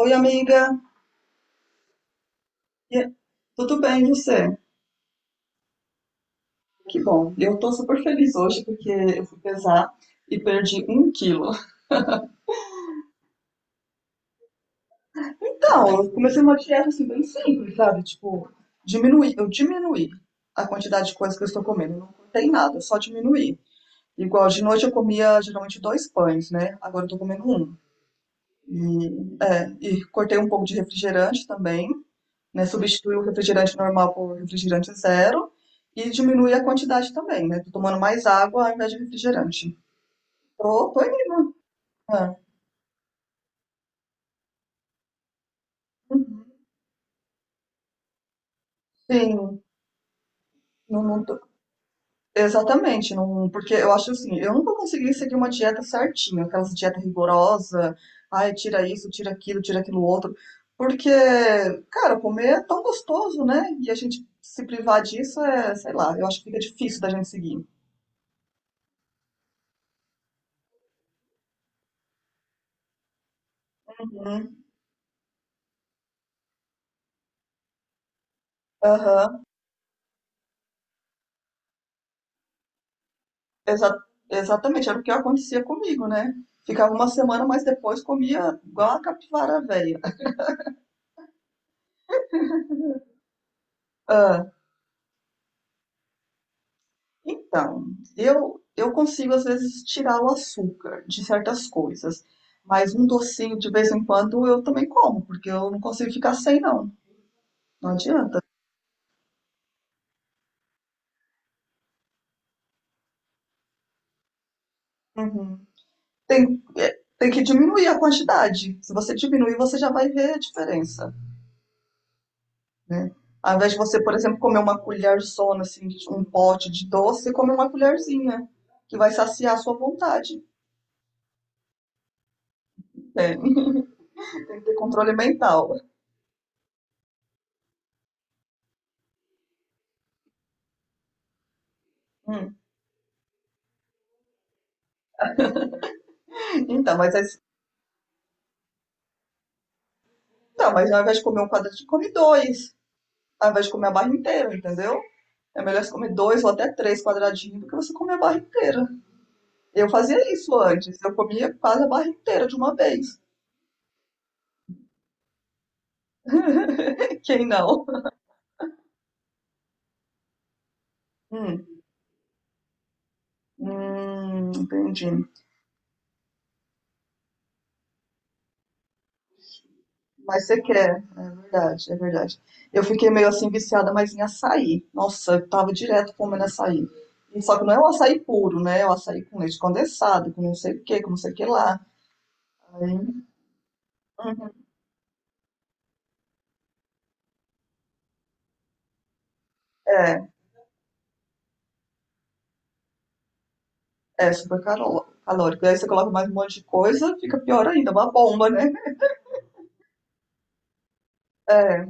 Oi, amiga. E- Tudo bem, e você? Que bom. Eu tô super feliz hoje porque eu fui pesar e perdi um quilo. Então, eu comecei uma dieta assim bem simples, sabe? Tipo, diminuir. Eu diminuí a quantidade de coisas que eu estou comendo. Eu não cortei nada, eu só diminuí. Igual de noite eu comia geralmente dois pães, né? Agora eu tô comendo um. E cortei um pouco de refrigerante também. Né? Substitui o refrigerante normal por refrigerante zero e diminui a quantidade também, né? Tô tomando mais água ao invés de refrigerante. Tô indo. Né? Uhum. Sim, não, não tô- exatamente, não, porque eu acho assim, eu nunca consegui seguir uma dieta certinha, aquelas dietas rigorosas, ai, tira isso, tira aquilo outro, porque, cara, comer é tão gostoso, né? E a gente se privar disso é, sei lá, eu acho que fica difícil da gente seguir. Uhum. Aham. Exa- Exatamente, era o que acontecia comigo, né? Ficava uma semana, mas depois comia igual a capivara velha. Ah, então, eu consigo às vezes tirar o açúcar de certas coisas, mas um docinho de vez em quando eu também como, porque eu não consigo ficar sem, não. Não adianta. Uhum. Tem que diminuir a quantidade. Se você diminuir, você já vai ver a diferença. Né? Ao invés de você, por exemplo, comer uma colherzona, assim, de um pote de doce, você come uma colherzinha, que vai saciar a sua vontade. Né? Tem que ter controle mental. Hum. Então, mas, as- então, mas ao invés de comer um quadradinho, come dois. Ao invés de comer a barra inteira, entendeu? É melhor você comer dois ou até três quadradinhos do que você comer a barra inteira. Eu fazia isso antes. Eu comia quase a barra inteira de uma vez. Quem não? Hum, hum, entendi. Mas você quer, é verdade, é verdade. Eu fiquei meio assim viciada, mas em açaí. Nossa, eu tava direto comendo açaí. E só que não é o açaí puro, né? É o açaí com leite condensado, com não sei o que, com não sei o que lá. Aí, uhum, é, é calórico. Aí você coloca mais um monte de coisa, fica pior ainda, uma bomba, né? É.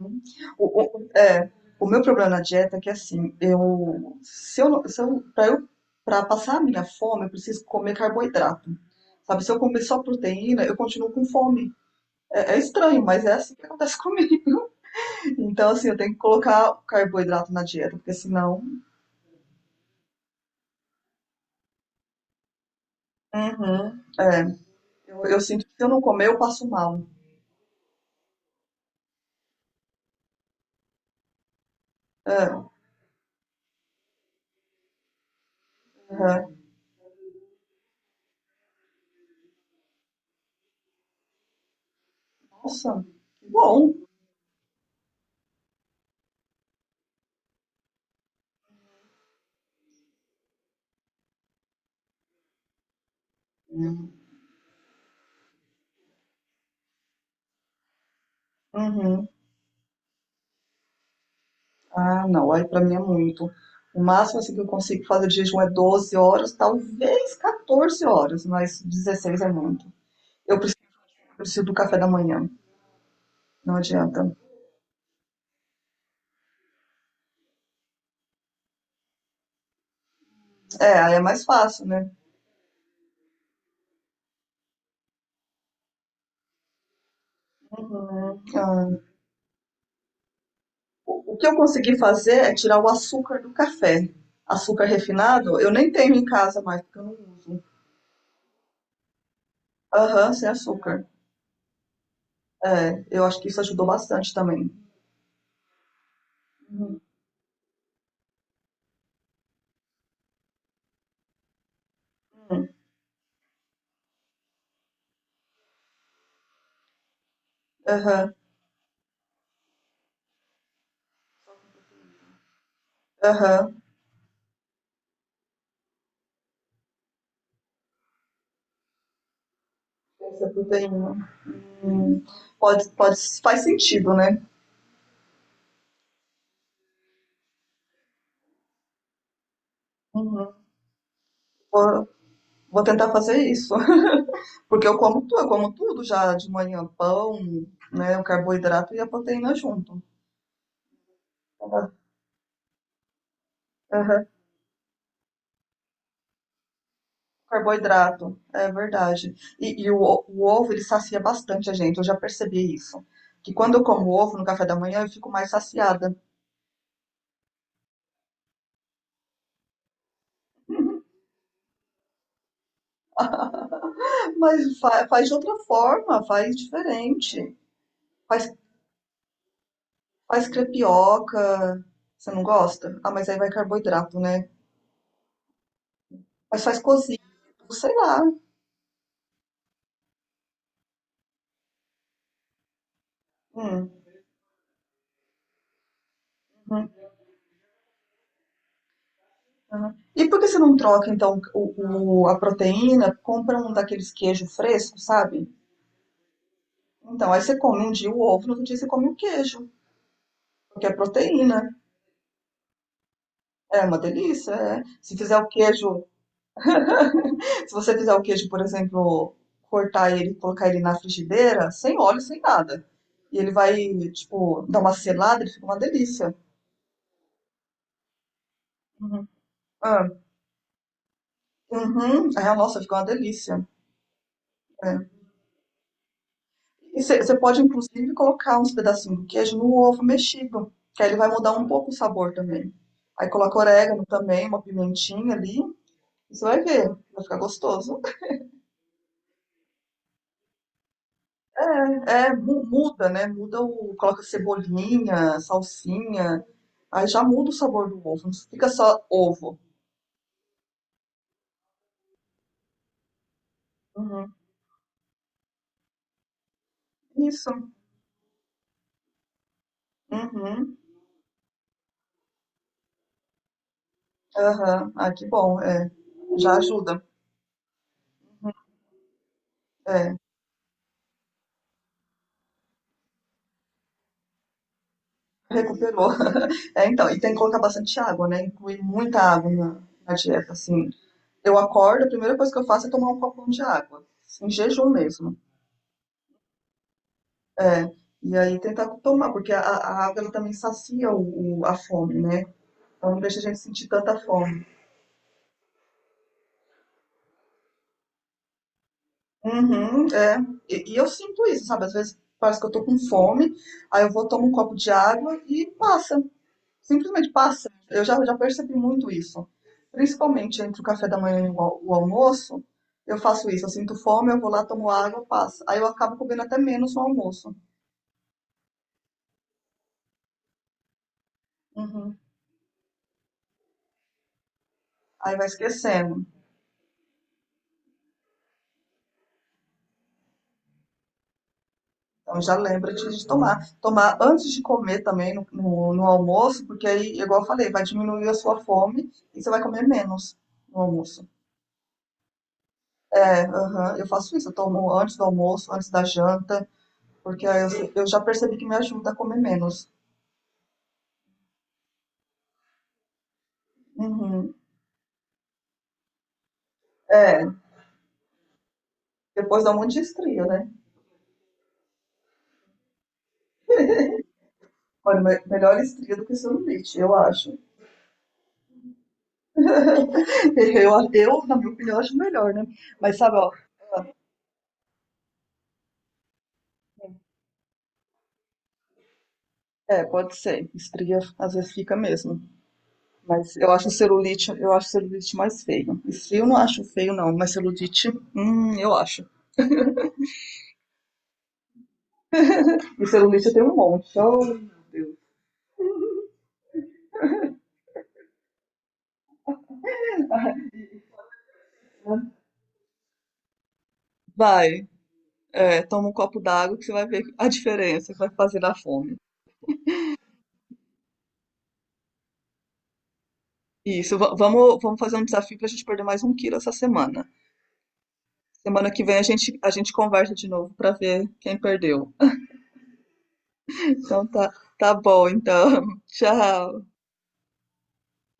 Uhum. O, o- é, o meu problema na dieta é que assim, eu, se eu, não- se eu, para eu, para passar a minha fome, eu preciso comer carboidrato. Sabe, se eu comer só proteína, eu continuo com fome. É, é estranho, mas é assim que acontece comigo. Então, assim, eu tenho que colocar o carboidrato na dieta, porque senão, uhum, é, eu sinto que se eu não comer, eu passo mal. É, uhum. Nossa, que bom. Uhum. Ah, não, aí pra mim é muito. O máximo assim, que eu consigo fazer de jejum é 12 horas, talvez 14 horas, mas 16 é muito. Eu preciso, preciso do café da manhã, não adianta. É, aí é mais fácil, né? Uhum. Ah, o que eu consegui fazer é tirar o açúcar do café. Açúcar refinado, eu nem tenho em casa mais, porque eu não uso. Aham, sem açúcar. É, eu acho que isso ajudou bastante também. Uhum. Aham, aham. Essa proteína. Pode, pode, faz sentido, né? Uhum. Vou, vou tentar fazer isso. Porque eu como tudo já de manhã, pão, né? O carboidrato e a proteína junto. Aham, aham. Carboidrato, é verdade. E o ovo, ele sacia bastante a gente, eu já percebi isso. Que quando eu como ovo no café da manhã, eu fico mais saciada. É, mas faz de outra forma, faz diferente. Faz, faz crepioca, você não gosta? Ah, mas aí vai carboidrato, né? Mas faz cozido, sei lá. Hum. Aham. E por que você não troca, então, a proteína? Compra um daqueles queijos frescos, sabe? Então, aí você come um dia o ovo, no outro dia você come o queijo, porque é proteína. É uma delícia, é. Se fizer o queijo, se você fizer o queijo, por exemplo, cortar ele, colocar ele na frigideira, sem óleo, sem nada. E ele vai, tipo, dar uma selada, ele fica uma delícia. Uhum. Ah, uhum. É, nossa, fica uma delícia. É. E você pode, inclusive, colocar uns pedacinhos de queijo no ovo mexido, que aí ele vai mudar um pouco o sabor também. Aí coloca orégano também, uma pimentinha ali. Você vai ver, vai ficar gostoso. É, muda, né? Muda o. Coloca cebolinha, salsinha. Aí já muda o sabor do ovo. Não fica só ovo. Uhum. Isso. Uhum. Aham. Ah, que bom. É. Já ajuda. É. Recuperou. É, então. E tem que colocar bastante água, né? Incluir muita água na dieta, assim. Eu acordo, a primeira coisa que eu faço é tomar um copão de água, em jejum mesmo. É, e aí tentar tomar, porque a água ela também sacia a fome, né? Ela não deixa a gente sentir tanta fome. Uhum, é. E eu sinto isso, sabe? Às vezes parece que eu tô com fome, aí eu vou tomo um copo de água e passa. Simplesmente passa. Eu já percebi muito isso. Principalmente entre o café da manhã e o almoço, eu faço isso. Eu sinto fome, eu vou lá, tomo água, passa. Aí eu acabo comendo até menos no almoço. Uhum. Aí vai esquecendo. Então já lembra de tomar. Tomar antes de comer também no almoço, porque aí, igual eu falei, vai diminuir a sua fome e você vai comer menos no almoço. É, aham, eu faço isso, eu tomo antes do almoço, antes da janta, porque eu já percebi que me ajuda a comer menos. Uhum. É, depois dá um monte de estria, né? Olha, melhor estria do que celulite, eu acho. Na minha opinião, acho melhor, né? Mas sabe, ó, é, pode ser. Estria às vezes fica mesmo. Mas eu acho celulite mais feio. E frio eu não acho feio, não, mas celulite, eu acho. E celulite eu tenho um monte. Oh, meu Deus. Vai, é, toma um copo d'água que você vai ver a diferença que vai fazer na fome. Isso, vamos, vamos fazer um desafio para a gente perder mais um quilo essa semana. Semana que vem a gente conversa de novo para ver quem perdeu. Então tá, tá bom, então. Tchau.